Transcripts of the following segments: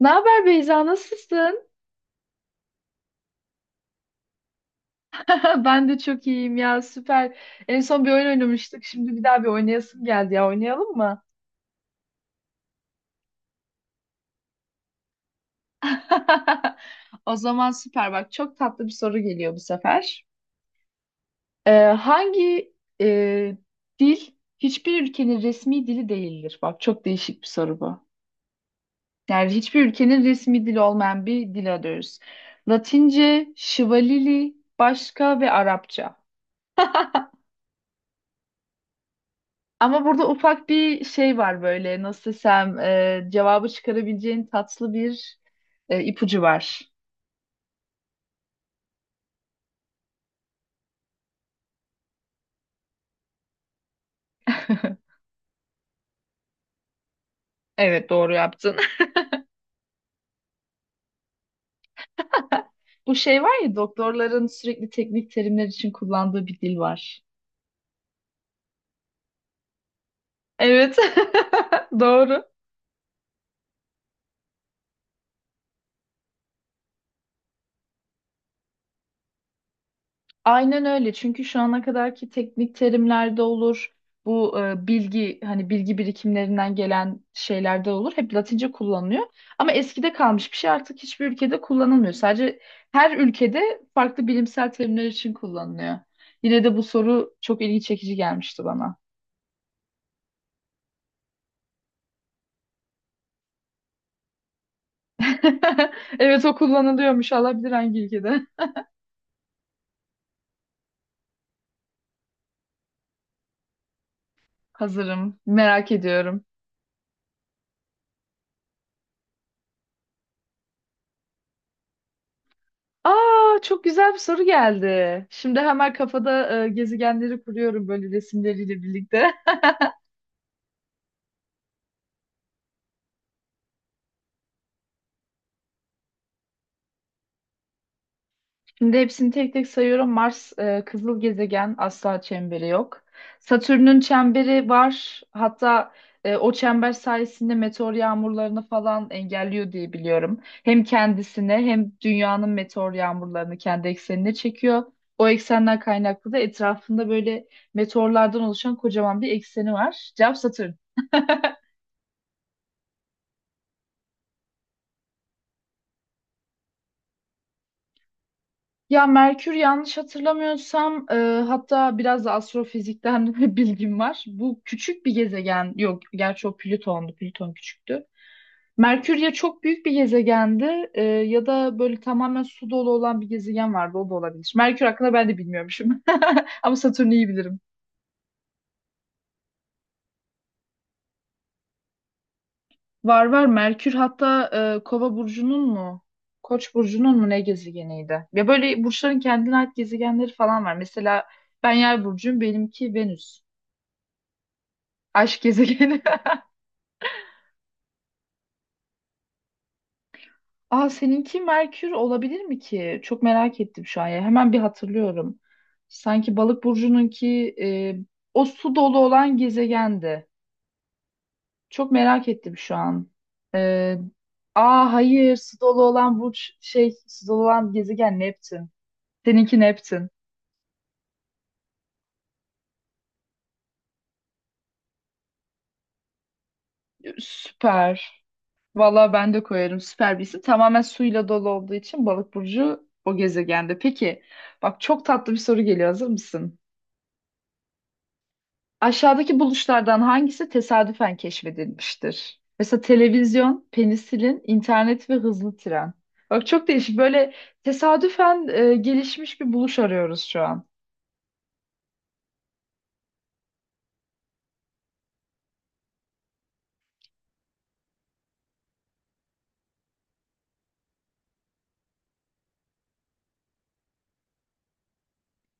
Ne haber Beyza, nasılsın? Ben de çok iyiyim ya, süper. En son bir oyun oynamıştık, şimdi bir daha bir oynayasım geldi ya, oynayalım mı? O zaman süper bak, çok tatlı bir soru geliyor bu sefer. Ee, hangi e, dil hiçbir ülkenin resmi dili değildir? Bak çok değişik bir soru bu. Yani hiçbir ülkenin resmi dili olmayan bir dil arıyoruz. Latince, Şivalili, başka ve Arapça. Ama burada ufak bir şey var böyle nasıl desem cevabı çıkarabileceğin tatlı bir ipucu var. Evet doğru yaptın. Bu şey var ya doktorların sürekli teknik terimler için kullandığı bir dil var. Evet doğru. Aynen öyle. Çünkü şu ana kadarki teknik terimlerde olur. Bu bilgi hani bilgi birikimlerinden gelen şeylerde olur. Hep Latince kullanılıyor. Ama eskide kalmış bir şey artık hiçbir ülkede kullanılmıyor. Sadece her ülkede farklı bilimsel terimler için kullanılıyor. Yine de bu soru çok ilgi çekici gelmişti bana. Evet o kullanılıyormuş. Allah bilir hangi ülkede. Hazırım. Merak ediyorum. Aa, çok güzel bir soru geldi. Şimdi hemen kafada gezegenleri kuruyorum böyle resimleriyle birlikte. Şimdi hepsini tek tek sayıyorum. Mars kızıl gezegen, asla çemberi yok. Satürn'ün çemberi var. Hatta o çember sayesinde meteor yağmurlarını falan engelliyor diye biliyorum. Hem kendisine hem dünyanın meteor yağmurlarını kendi eksenine çekiyor. O eksenden kaynaklı da etrafında böyle meteorlardan oluşan kocaman bir ekseni var. Cevap Satürn. Ya Merkür yanlış hatırlamıyorsam hatta biraz da astrofizikten bilgim var. Bu küçük bir gezegen yok gerçi o Plüton'du, Plüton küçüktü. Merkür ya çok büyük bir gezegendi ya da böyle tamamen su dolu olan bir gezegen vardı, o da olabilir. Merkür hakkında ben de bilmiyormuşum ama Satürn'ü iyi bilirim. Var var, Merkür hatta Kova burcunun mu? Koç burcunun mu, ne gezegeniydi? Ya böyle burçların kendine ait gezegenleri falan var. Mesela ben Yay burcuyum, benimki Venüs. Aşk gezegeni. Aa, seninki Merkür olabilir mi ki? Çok merak ettim şu an ya. Hemen bir hatırlıyorum. Sanki balık burcununki o su dolu olan gezegendi. Çok merak ettim şu an. E, aa, hayır, su dolu olan burç şey, su dolu olan gezegen Neptün. Seninki Neptün. Süper. Valla ben de koyarım, süper bir isim. Tamamen suyla dolu olduğu için balık burcu o gezegende. Peki bak, çok tatlı bir soru geliyor, hazır mısın? Aşağıdaki buluşlardan hangisi tesadüfen keşfedilmiştir? Mesela televizyon, penisilin, internet ve hızlı tren. Bak çok değişik. Böyle tesadüfen gelişmiş bir buluş arıyoruz şu an.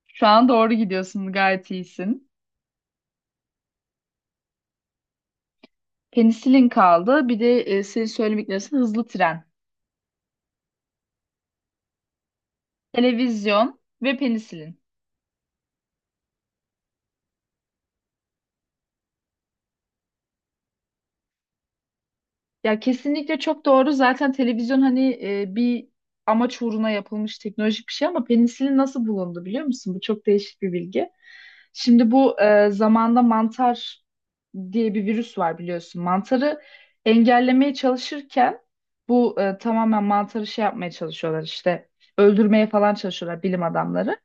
Şu an doğru gidiyorsun, gayet iyisin. Penisilin kaldı. Bir de senin söylemeklerin hızlı tren, televizyon ve penisilin. Ya kesinlikle çok doğru. Zaten televizyon hani bir amaç uğruna yapılmış teknolojik bir şey, ama penisilin nasıl bulundu biliyor musun? Bu çok değişik bir bilgi. Şimdi bu zamanda mantar diye bir virüs var biliyorsun. Mantarı engellemeye çalışırken bu tamamen mantarı şey yapmaya çalışıyorlar, işte öldürmeye falan çalışıyorlar bilim adamları.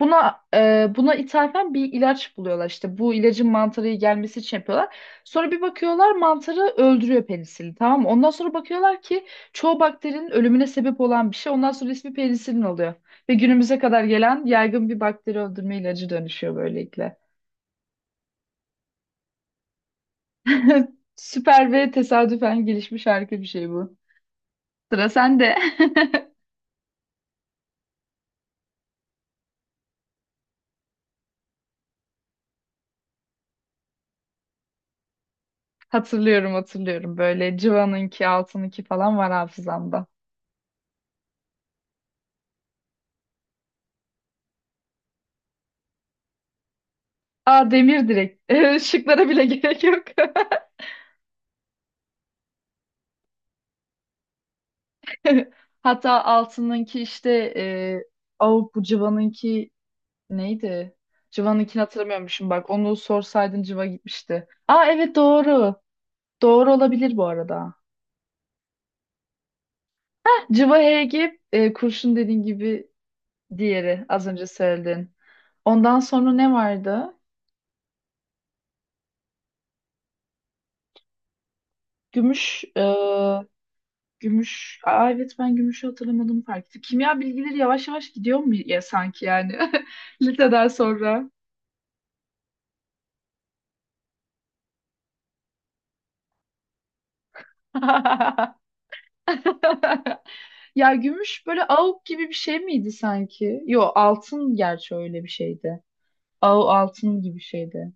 Buna buna ithafen bir ilaç buluyorlar, işte bu ilacın mantarı gelmesi için yapıyorlar. Sonra bir bakıyorlar mantarı öldürüyor penisilin, tamam mı? Ondan sonra bakıyorlar ki çoğu bakterinin ölümüne sebep olan bir şey. Ondan sonra ismi penisilin oluyor. Ve günümüze kadar gelen yaygın bir bakteri öldürme ilacı dönüşüyor böylelikle. Süper ve tesadüfen gelişmiş harika bir şey bu. Sıra sende. Hatırlıyorum hatırlıyorum, böyle Civan'ınki, altınınki falan var hafızamda. Aa, demir direkt. Şıklara bile gerek yok. Hatta altınınki işte Avup, bu Civan'ınki neydi? Civa'nınkini hatırlamıyormuşum bak. Onu sorsaydın Civa gitmişti. Aa evet, doğru. Doğru olabilir bu arada. Civa Hg kurşun dediğin gibi, diğeri az önce söyledin. Ondan sonra ne vardı? Gümüş gümüş. Aa evet, ben gümüşü hatırlamadım fark ettim. Kimya bilgileri yavaş yavaş gidiyor mu ya sanki, yani liseden sonra. Ya gümüş böyle avuk gibi bir şey miydi sanki? Yo, altın gerçi öyle bir şeydi. Av, altın gibi bir şeydi.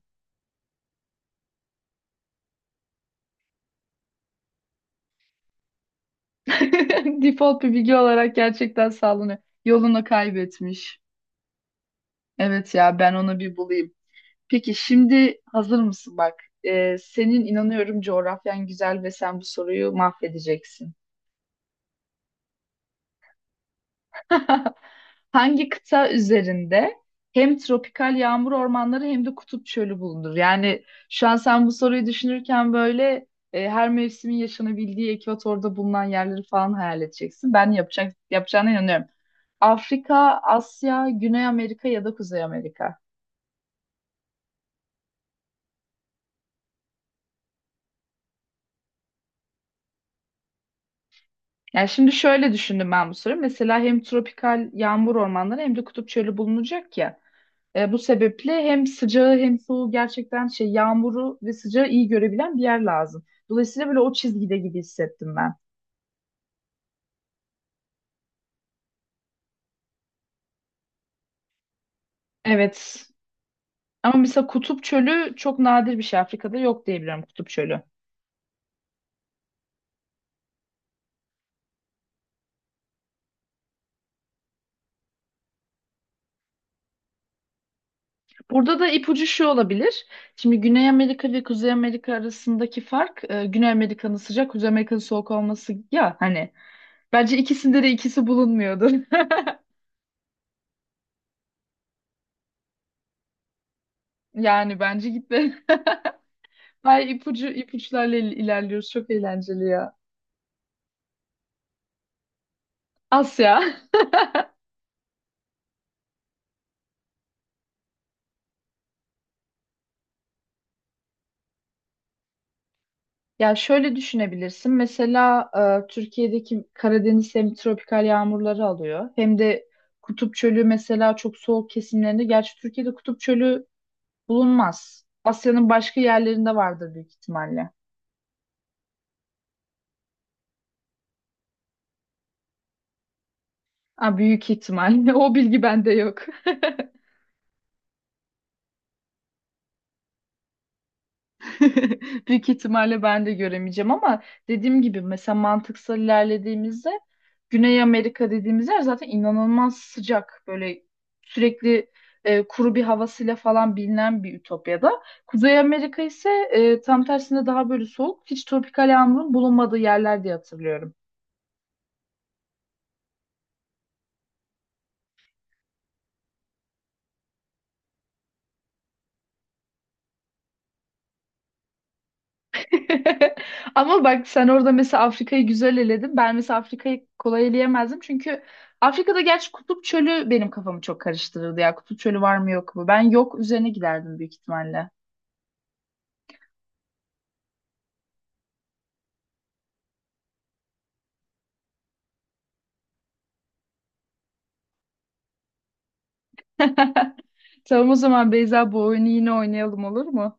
Default bir bilgi olarak gerçekten sallanıyor. Yolunu kaybetmiş. Evet ya, ben onu bir bulayım. Peki şimdi hazır mısın bak? Senin inanıyorum coğrafyan güzel ve sen bu soruyu mahvedeceksin. Hangi kıta üzerinde hem tropikal yağmur ormanları hem de kutup çölü bulunur? Yani şu an sen bu soruyu düşünürken böyle her mevsimin yaşanabildiği ekvatorda bulunan yerleri falan hayal edeceksin. Ben yapacak, yapacağına inanıyorum. Afrika, Asya, Güney Amerika ya da Kuzey Amerika. Yani şimdi şöyle düşündüm ben bu soruyu. Mesela hem tropikal yağmur ormanları hem de kutup çölü bulunacak ya. E, bu sebeple hem sıcağı hem soğuğu gerçekten şey, yağmuru ve sıcağı iyi görebilen bir yer lazım. Dolayısıyla böyle o çizgide gibi hissettim ben. Evet. Ama mesela Kutup Çölü çok nadir bir şey. Afrika'da yok diyebilirim Kutup Çölü. Burada da ipucu şu olabilir. Şimdi Güney Amerika ve Kuzey Amerika arasındaki fark Güney Amerika'nın sıcak, Kuzey Amerika'nın soğuk olması ya hani. Bence ikisinde de ikisi bulunmuyordur. Yani bence gitme. Ay, ipucu, ilerliyoruz. Çok eğlenceli ya. Asya. Ya şöyle düşünebilirsin. Mesela Türkiye'deki Karadeniz hem tropikal yağmurları alıyor hem de Kutup Çölü mesela çok soğuk kesimlerinde. Gerçi Türkiye'de Kutup Çölü bulunmaz. Asya'nın başka yerlerinde vardır büyük ihtimalle. Ha, büyük ihtimalle. O bilgi bende yok. Büyük ihtimalle ben de göremeyeceğim ama dediğim gibi mesela mantıksal ilerlediğimizde Güney Amerika dediğimiz yer zaten inanılmaz sıcak, böyle sürekli kuru bir havasıyla falan bilinen bir ütopyada. Kuzey Amerika ise tam tersine daha böyle soğuk, hiç tropikal yağmurun bulunmadığı yerler diye hatırlıyorum. Ama bak sen orada mesela Afrika'yı güzel eledin. Ben mesela Afrika'yı kolay eleyemezdim. Çünkü Afrika'da gerçi Kutup Çölü benim kafamı çok karıştırırdı ya. Kutup Çölü var mı yok mu? Ben yok üzerine giderdim büyük ihtimalle. Tamam, o zaman Beyza bu oyunu yine oynayalım, olur mu?